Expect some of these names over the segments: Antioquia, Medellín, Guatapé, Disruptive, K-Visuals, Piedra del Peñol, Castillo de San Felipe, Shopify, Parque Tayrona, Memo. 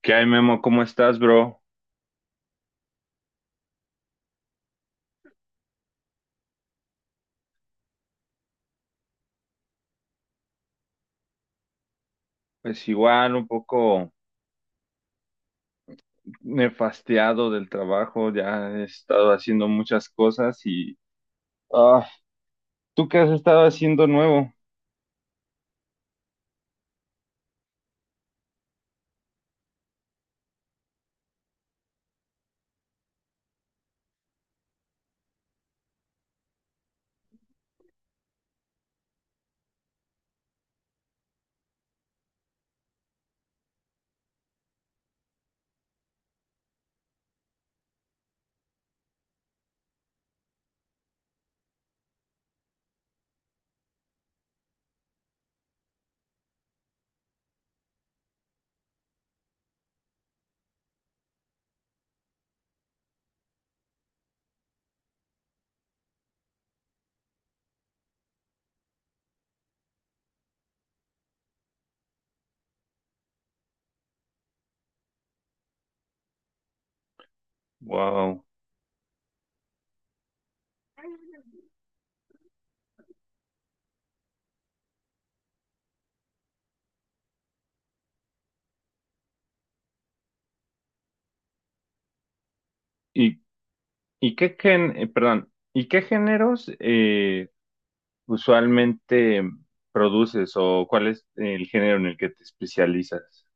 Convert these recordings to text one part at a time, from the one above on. ¿Qué hay, Memo? ¿Cómo estás, bro? Pues igual, un poco nefasteado del trabajo, ya he estado haciendo muchas cosas y... Ah, ¿tú qué has estado haciendo nuevo? Wow. ¿Y, ¿Y qué géneros usualmente produces o cuál es el género en el que te especializas?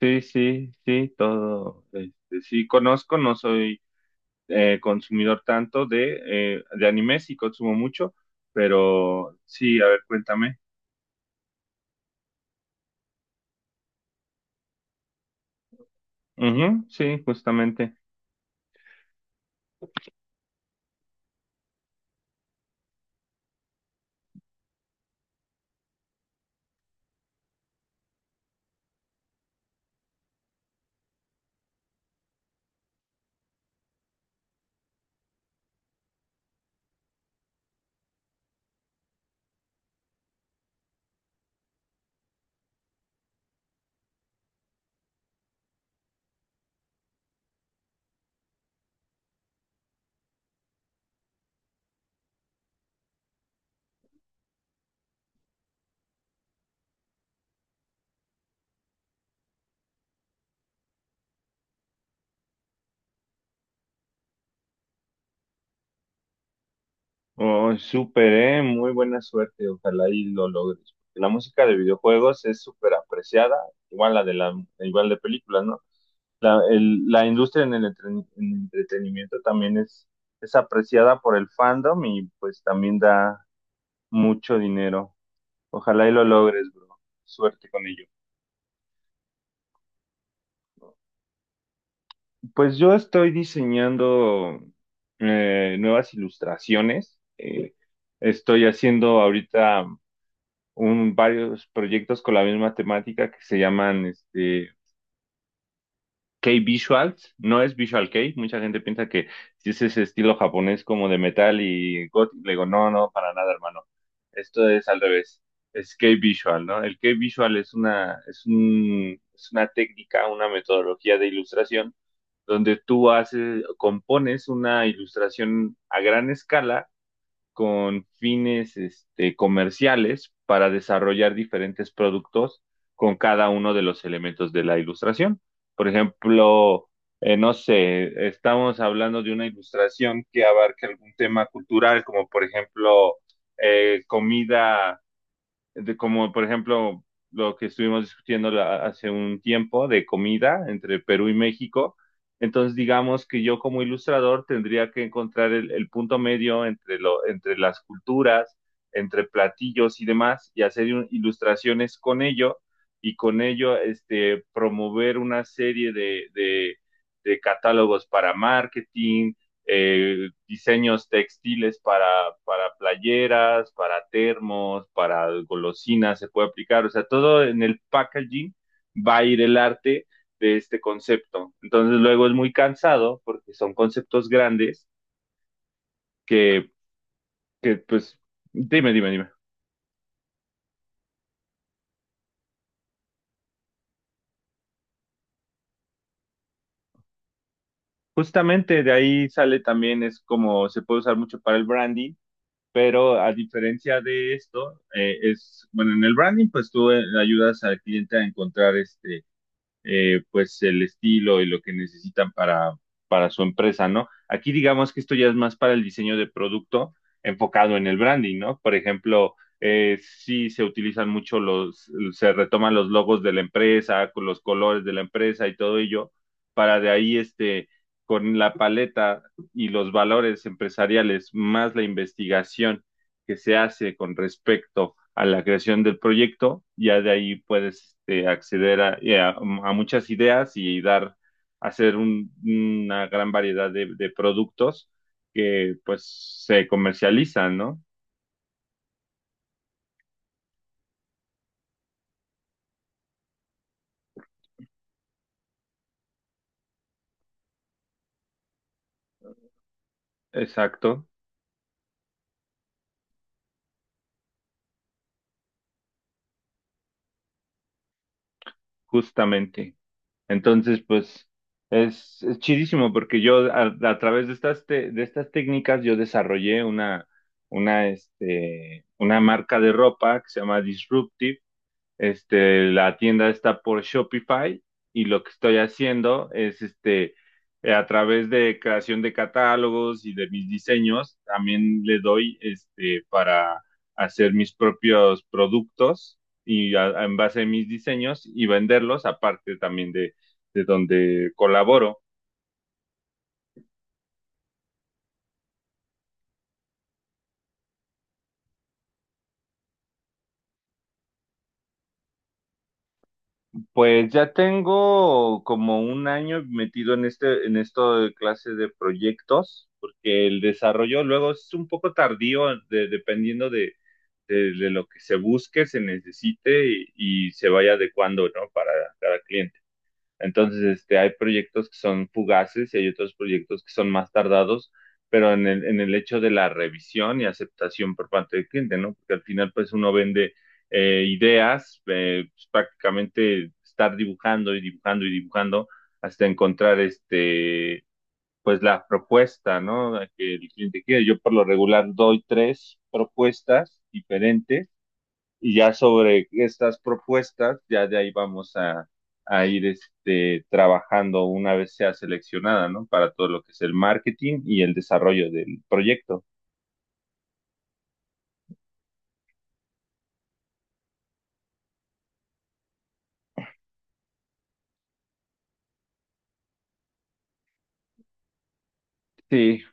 Sí, sí, sí, todo. Sí, conozco, no soy consumidor tanto de anime, sí consumo mucho, pero sí, a ver, cuéntame. Ujú, sí, justamente. Oh, súper, muy buena suerte, ojalá y lo logres. La música de videojuegos es súper apreciada, igual la de la, igual de películas, ¿no? La industria en en el entretenimiento también es apreciada por el fandom y pues también da mucho dinero. Ojalá y lo logres, bro. Suerte con ello. Pues yo estoy diseñando nuevas ilustraciones. Estoy haciendo ahorita varios proyectos con la misma temática que se llaman K-Visuals, no es Visual K, mucha gente piensa que si es ese estilo japonés como de metal y gótico, le digo, no, no, para nada, hermano. Esto es al revés, es K-Visual, ¿no? El K-Visual es una, es un, es una técnica, una metodología de ilustración donde tú haces, compones una ilustración a gran escala con fines comerciales para desarrollar diferentes productos con cada uno de los elementos de la ilustración. Por ejemplo, no sé, estamos hablando de una ilustración que abarque algún tema cultural, como por ejemplo comida de como por ejemplo lo que estuvimos discutiendo hace un tiempo de comida entre Perú y México. Entonces, digamos que yo como ilustrador tendría que encontrar el punto medio entre lo, entre las culturas, entre platillos y demás, y ilustraciones con ello, y con ello promover una serie de catálogos para marketing, diseños textiles para playeras, para termos, para golosinas, se puede aplicar, o sea, todo en el packaging va a ir el arte de este concepto. Entonces luego es muy cansado porque son conceptos grandes que, que pues, dime, dime, dime. Justamente de ahí sale también, es como se puede usar mucho para el branding, pero a diferencia de esto, es, bueno, en el branding, pues tú ayudas al cliente a encontrar pues el estilo y lo que necesitan para su empresa, ¿no? Aquí digamos que esto ya es más para el diseño de producto enfocado en el branding, ¿no? Por ejemplo, sí se utilizan mucho los, se retoman los logos de la empresa, con los colores de la empresa y todo ello, para de ahí con la paleta y los valores empresariales, más la investigación que se hace con respecto a la creación del proyecto, ya de ahí puedes acceder a muchas ideas y dar, una gran variedad de productos que pues se comercializan, ¿no? Exacto, justamente. Entonces, pues es chidísimo porque yo a través de estas, de estas técnicas yo desarrollé una, una marca de ropa que se llama Disruptive. La tienda está por Shopify y lo que estoy haciendo es a través de creación de catálogos y de mis diseños, también le doy para hacer mis propios productos y en base a mis diseños y venderlos, aparte también de donde colaboro. Pues ya tengo como un año metido en este, en esto de clase de proyectos, porque el desarrollo luego es un poco tardío, dependiendo de lo que se busque, se necesite y se vaya adecuando, ¿no? Para cada cliente. Entonces, hay proyectos que son fugaces y hay otros proyectos que son más tardados, pero en el hecho de la revisión y aceptación por parte del cliente, ¿no? Porque al final, pues uno vende ideas, pues, prácticamente estar dibujando y dibujando y dibujando hasta encontrar pues la propuesta, ¿no? Que el cliente quiere. Yo por lo regular doy tres propuestas diferentes y ya sobre estas propuestas, ya de ahí a ir trabajando una vez sea seleccionada, ¿no? Para todo lo que es el marketing y el desarrollo del proyecto. Sí,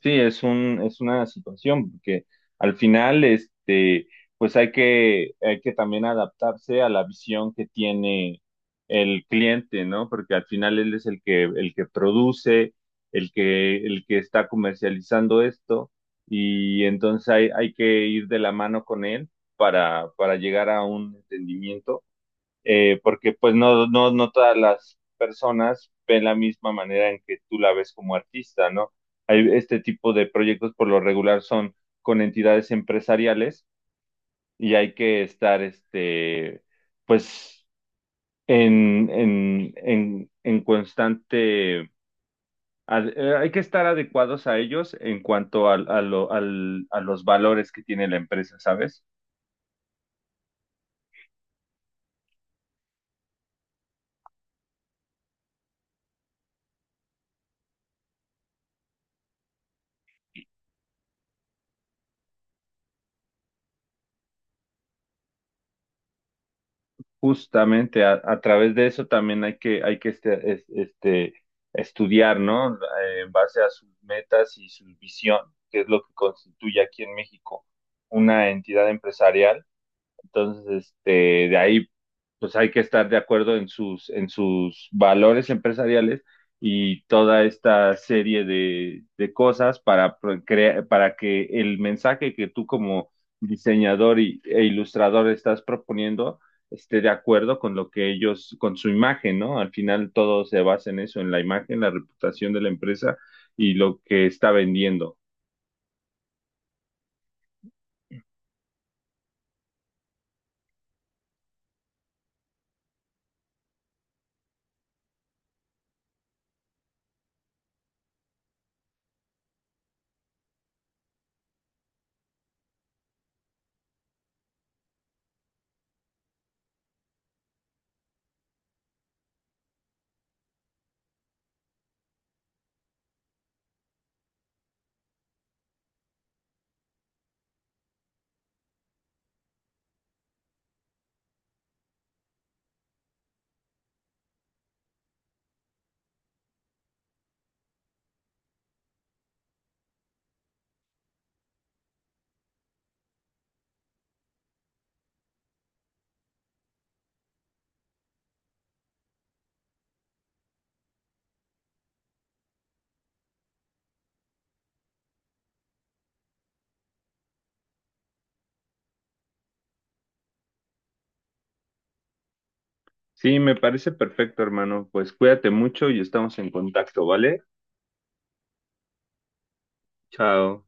sí, es un, es una situación, porque al final, pues hay que también adaptarse a la visión que tiene el cliente, ¿no? Porque al final él es el que produce, el que está comercializando esto, y entonces hay que ir de la mano con él para llegar a un entendimiento porque pues no, no, no todas las personas ven la misma manera en que tú la ves como artista, ¿no? Hay este tipo de proyectos por lo regular son con entidades empresariales y hay que estar, pues, en constante, hay que estar adecuados a ellos en cuanto a los valores que tiene la empresa, ¿sabes? Justamente a través de eso también hay que estudiar, ¿no? En base a sus metas y su visión, que es lo que constituye aquí en México una entidad empresarial. Entonces, de ahí, pues hay que estar de acuerdo en sus valores empresariales y toda esta serie de cosas para, para que el mensaje que tú como diseñador y, e ilustrador estás proponiendo esté de acuerdo con lo que ellos, con su imagen, ¿no? Al final todo se basa en eso, en la imagen, la reputación de la empresa y lo que está vendiendo. Sí, me parece perfecto, hermano. Pues cuídate mucho y estamos en contacto, ¿vale? Chao.